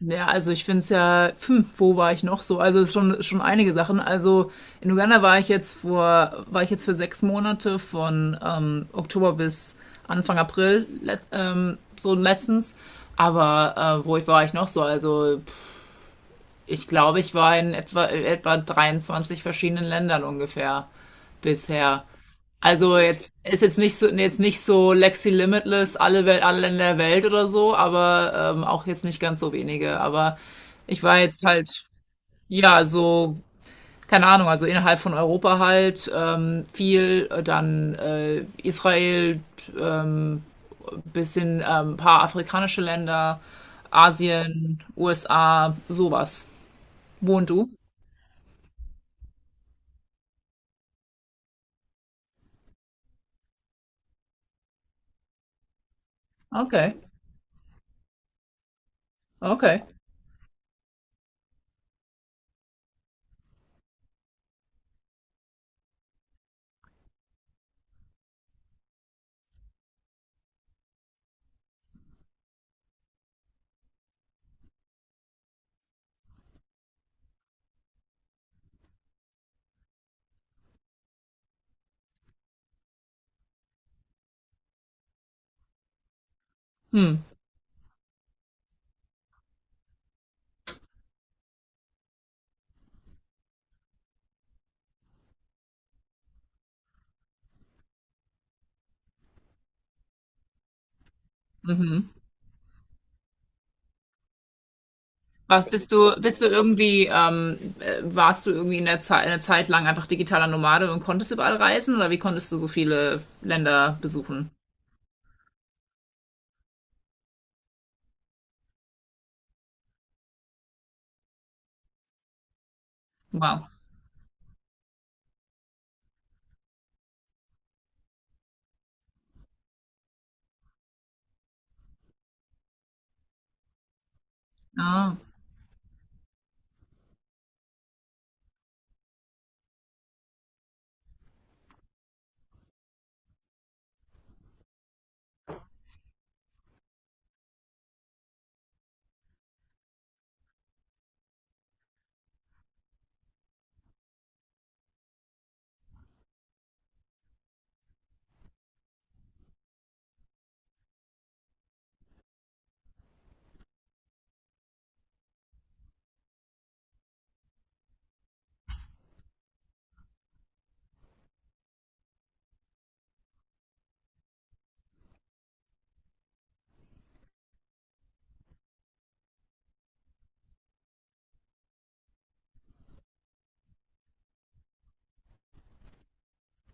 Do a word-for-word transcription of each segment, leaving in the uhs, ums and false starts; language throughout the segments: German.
Ja, also ich finde es ja, hm, wo war ich noch so? Also schon, schon einige Sachen. Also in Uganda war ich jetzt vor, war ich jetzt für sechs Monate von ähm, Oktober bis Anfang April, let, ähm, so letztens. Aber äh, wo ich war ich noch so? Also pff, ich glaube, ich war in etwa, etwa dreiundzwanzig verschiedenen Ländern ungefähr bisher. Also jetzt ist jetzt nicht so jetzt nicht so Lexi Limitless, alle Welt, alle Länder der Welt oder so, aber ähm, auch jetzt nicht ganz so wenige. Aber ich war jetzt halt, ja, so, keine Ahnung, also innerhalb von Europa halt ähm, viel, äh, dann äh, Israel, ähm, bisschen ähm, ein paar afrikanische Länder, Asien, U S A, sowas. Wo und du? Okay, okay. Hm, mhm. Was bist du, bist du irgendwie, ähm, äh, warst du irgendwie in der Zeit, eine Zeit lang einfach digitaler Nomade und konntest überall reisen, oder wie konntest du so viele Länder besuchen? Wow. Ah,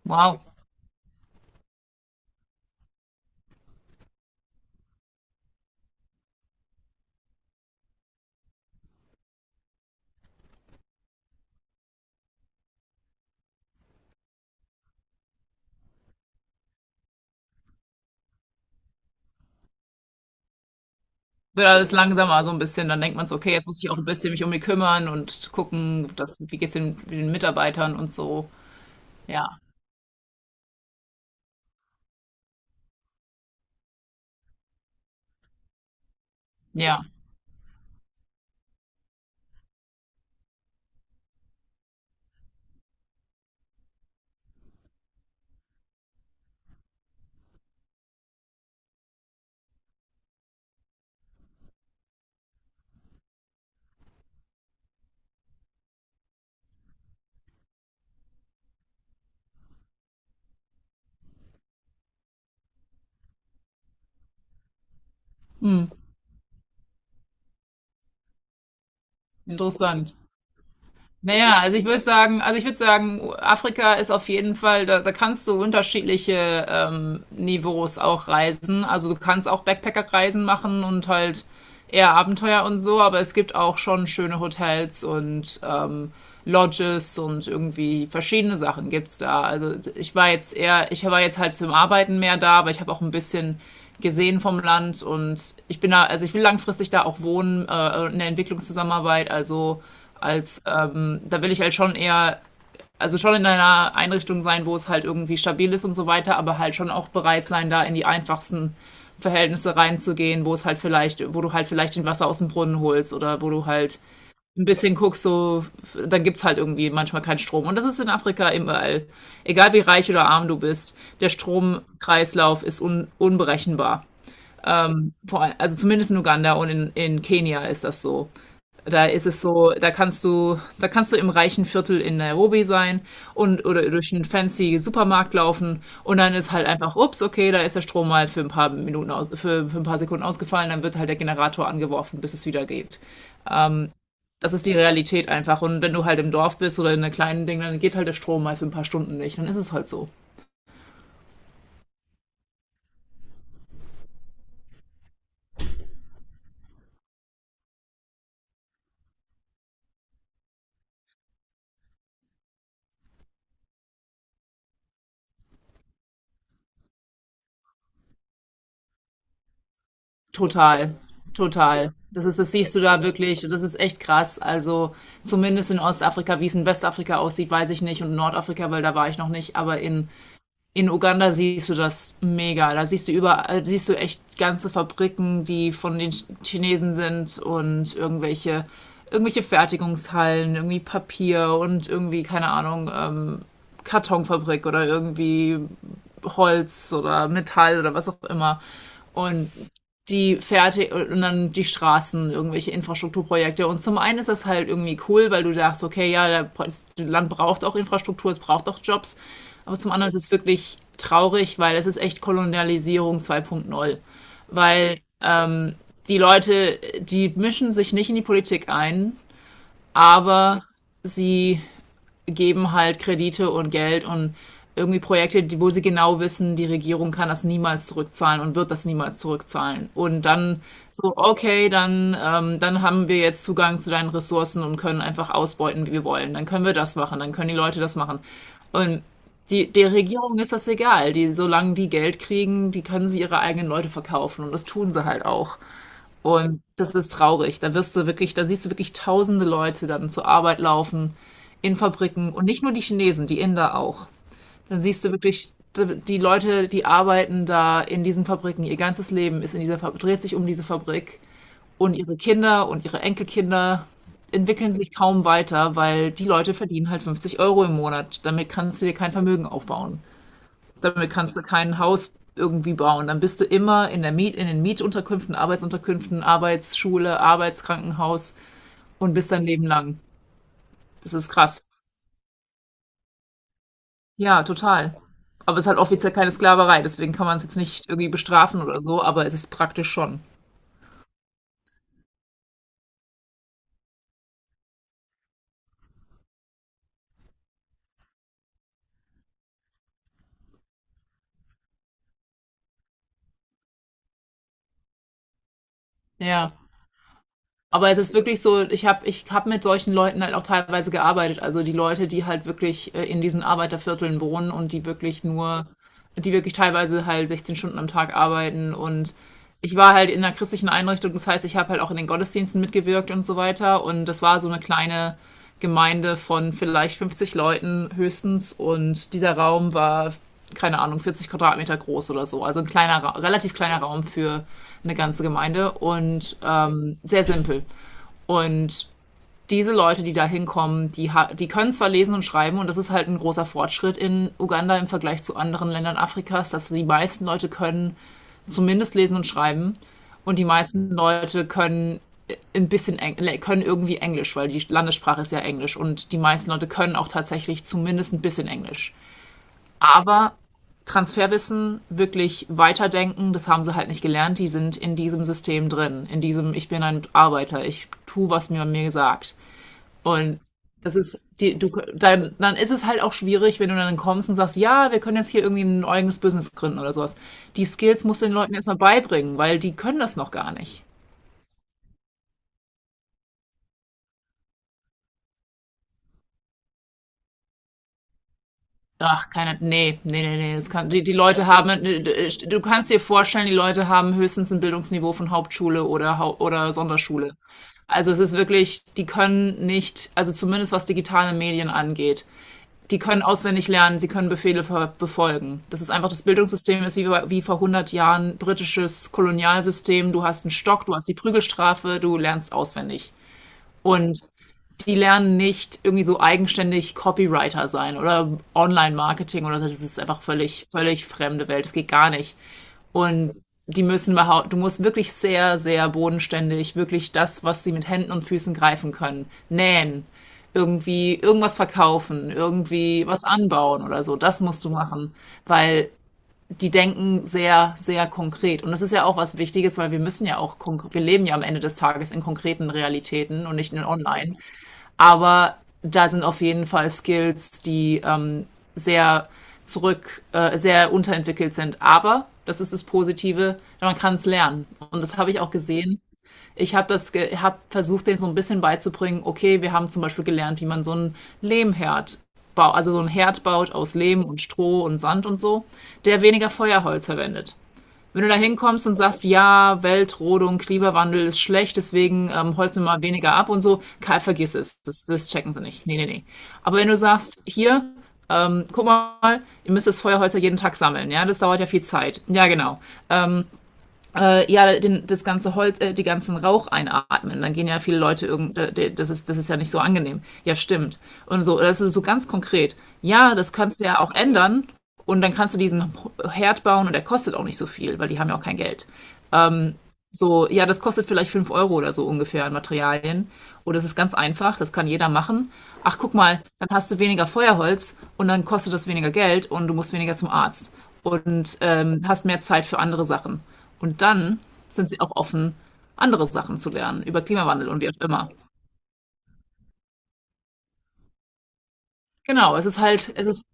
wow. Wird alles langsamer so ein bisschen. Dann denkt man so, okay, jetzt muss ich auch ein bisschen mich um die kümmern und gucken, dass, wie geht's den, den Mitarbeitern und so. Ja, ja, hm, interessant. Naja, also ich würde sagen, also ich würde sagen, Afrika ist auf jeden Fall, da, da kannst du unterschiedliche ähm, Niveaus auch reisen. Also du kannst auch Backpacker-Reisen machen und halt eher Abenteuer und so, aber es gibt auch schon schöne Hotels und ähm, Lodges und irgendwie verschiedene Sachen gibt's da. Also ich war jetzt eher, ich war jetzt halt zum Arbeiten mehr da, aber ich habe auch ein bisschen gesehen vom Land, und ich bin da, also ich will langfristig da auch wohnen, äh, in der Entwicklungszusammenarbeit, also als ähm, da will ich halt schon eher, also schon in einer Einrichtung sein, wo es halt irgendwie stabil ist und so weiter, aber halt schon auch bereit sein, da in die einfachsten Verhältnisse reinzugehen, wo es halt vielleicht, wo du halt vielleicht den Wasser aus dem Brunnen holst, oder wo du halt ein bisschen guckst, so, dann gibt's halt irgendwie manchmal keinen Strom. Und das ist in Afrika überall. Egal wie reich oder arm du bist, der Stromkreislauf ist un unberechenbar. Also zumindest in Uganda und in, in Kenia ist das so. Da ist es so, da kannst du, da kannst du im reichen Viertel in Nairobi sein und oder durch einen fancy Supermarkt laufen, und dann ist halt einfach, ups, okay, da ist der Strom halt für ein paar Minuten aus, für, für ein paar Sekunden ausgefallen, dann wird halt der Generator angeworfen, bis es wieder geht. Das ist die Realität einfach. Und wenn du halt im Dorf bist oder in einem kleinen Ding, dann geht halt der Strom mal für ein paar Stunden nicht. Dann ist es halt so. Total, total. Das ist, das siehst du da wirklich. Das ist echt krass. Also zumindest in Ostafrika, wie es in Westafrika aussieht, weiß ich nicht. Und Nordafrika, weil da war ich noch nicht. Aber in, in Uganda siehst du das mega. Da siehst du überall, äh, siehst du echt ganze Fabriken, die von den Ch- Chinesen sind, und irgendwelche, irgendwelche Fertigungshallen, irgendwie Papier und irgendwie, keine Ahnung, ähm, Kartonfabrik oder irgendwie Holz oder Metall oder was auch immer. Und die Fährte und dann die Straßen, irgendwelche Infrastrukturprojekte. Und zum einen ist das halt irgendwie cool, weil du dachtest, okay, ja, das Land braucht auch Infrastruktur, es braucht auch Jobs. Aber zum anderen ist es wirklich traurig, weil es ist echt Kolonialisierung zwei punkt null. Weil ähm, die Leute, die mischen sich nicht in die Politik ein, aber sie geben halt Kredite und Geld und irgendwie Projekte, die, wo sie genau wissen, die Regierung kann das niemals zurückzahlen und wird das niemals zurückzahlen. Und dann so, okay, dann, ähm, dann haben wir jetzt Zugang zu deinen Ressourcen und können einfach ausbeuten, wie wir wollen. Dann können wir das machen, dann können die Leute das machen. Und die, der Regierung ist das egal. Die, solange die Geld kriegen, die können sie ihre eigenen Leute verkaufen. Und das tun sie halt auch. Und das ist traurig. Da wirst du wirklich, da siehst du wirklich tausende Leute dann zur Arbeit laufen in Fabriken, und nicht nur die Chinesen, die Inder auch. Dann siehst du wirklich d- die Leute, die arbeiten da in diesen Fabriken. Ihr ganzes Leben ist in dieser Fabrik, dreht sich um diese Fabrik, und ihre Kinder und ihre Enkelkinder entwickeln sich kaum weiter, weil die Leute verdienen halt fünfzig Euro im Monat. Damit kannst du dir kein Vermögen aufbauen. Damit kannst du kein Haus irgendwie bauen. Dann bist du immer in der Miet, in den Mietunterkünften, Arbeitsunterkünften, Arbeitsschule, Arbeitskrankenhaus, und bist dein Leben lang. Das ist krass. Ja, total. Aber es ist halt offiziell keine Sklaverei, deswegen kann man es jetzt nicht irgendwie bestrafen oder so, aber es ist praktisch schon. Ja. Aber es ist wirklich so, ich habe ich hab mit solchen Leuten halt auch teilweise gearbeitet. Also die Leute, die halt wirklich äh, in diesen Arbeitervierteln wohnen, und die wirklich nur die wirklich teilweise halt sechzehn Stunden am Tag arbeiten, und ich war halt in einer christlichen Einrichtung, das heißt, ich habe halt auch in den Gottesdiensten mitgewirkt und so weiter, und das war so eine kleine Gemeinde von vielleicht fünfzig Leuten höchstens, und dieser Raum war keine Ahnung vierzig Quadratmeter groß oder so, also ein kleiner, relativ kleiner Raum für eine ganze Gemeinde, und ähm, sehr simpel, und diese Leute, die da hinkommen, die, die können zwar lesen und schreiben, und das ist halt ein großer Fortschritt in Uganda im Vergleich zu anderen Ländern Afrikas, dass die meisten Leute können zumindest lesen und schreiben, und die meisten Leute können äh, ein bisschen Eng können irgendwie Englisch, weil die Landessprache ist ja Englisch, und die meisten Leute können auch tatsächlich zumindest ein bisschen Englisch. Aber Transferwissen, wirklich weiterdenken, das haben sie halt nicht gelernt. Die sind in diesem System drin, in diesem ich bin ein Arbeiter, ich tue, was mir mir gesagt. Und das ist, die, du, dann, dann ist es halt auch schwierig, wenn du dann kommst und sagst, ja, wir können jetzt hier irgendwie ein eigenes Business gründen oder sowas. Die Skills musst du den Leuten erstmal beibringen, weil die können das noch gar nicht. Ach, keine, nee, nee, nee, nee, das kann, die, die Leute haben, du kannst dir vorstellen, die Leute haben höchstens ein Bildungsniveau von Hauptschule oder, Hau- oder Sonderschule. Also es ist wirklich, die können nicht, also zumindest was digitale Medien angeht, die können auswendig lernen, sie können Befehle befolgen. Das ist einfach das Bildungssystem, ist wie, wie vor hundert Jahren britisches Kolonialsystem. Du hast einen Stock, du hast die Prügelstrafe, du lernst auswendig. Und die lernen nicht irgendwie so eigenständig Copywriter sein oder Online-Marketing oder so. Das ist einfach völlig, völlig fremde Welt. Das geht gar nicht. Und die müssen behau- du musst wirklich sehr, sehr bodenständig, wirklich das, was sie mit Händen und Füßen greifen können, nähen, irgendwie irgendwas verkaufen, irgendwie was anbauen oder so. Das musst du machen, weil die denken sehr, sehr konkret. Und das ist ja auch was Wichtiges, weil wir müssen ja auch, konk- wir leben ja am Ende des Tages in konkreten Realitäten und nicht in online. Aber da sind auf jeden Fall Skills, die ähm, sehr zurück, äh, sehr unterentwickelt sind. Aber das ist das Positive, man kann es lernen. Und das habe ich auch gesehen. Ich habe das, ge habe versucht, denen so ein bisschen beizubringen. Okay, wir haben zum Beispiel gelernt, wie man so einen Lehmherd baut, also so einen Herd baut aus Lehm und Stroh und Sand und so, der weniger Feuerholz verwendet. Wenn du da hinkommst und sagst, ja, Weltrodung, Klimawandel ist schlecht, deswegen ähm, holzen wir mal weniger ab und so, Karl, vergiss es, das, das checken sie nicht. Nee, nee, nee. Aber wenn du sagst, hier, ähm, guck mal, ihr müsst das Feuerholz ja jeden Tag sammeln, ja, das dauert ja viel Zeit. Ja, genau. Ähm, äh, ja den, das ganze Holz, äh, die ganzen Rauch einatmen. Dann gehen ja viele Leute irgend, äh, das ist das ist ja nicht so angenehm. Ja, stimmt. Und so, das ist so ganz konkret. Ja, das kannst du ja auch ändern, und dann kannst du diesen Herd bauen, und der kostet auch nicht so viel, weil die haben ja auch kein Geld. So, ja, das kostet vielleicht fünf Euro oder so ungefähr an Materialien. Oder es ist ganz einfach, das kann jeder machen. Ach, guck mal, dann hast du weniger Feuerholz und dann kostet das weniger Geld und du musst weniger zum Arzt und ähm, hast mehr Zeit für andere Sachen. Und dann sind sie auch offen, andere Sachen zu lernen über Klimawandel und wie auch immer. Genau, es ist halt, es ist,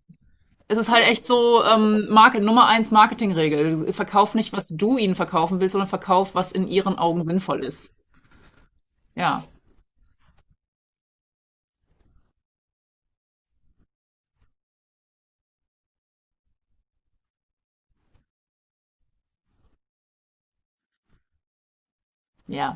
es ist halt echt so ähm, Market, Nummer eins Marketingregel. Verkauf nicht, was du ihnen verkaufen willst, sondern verkauf, was in ihren Augen sinnvoll ist. Ja, ja.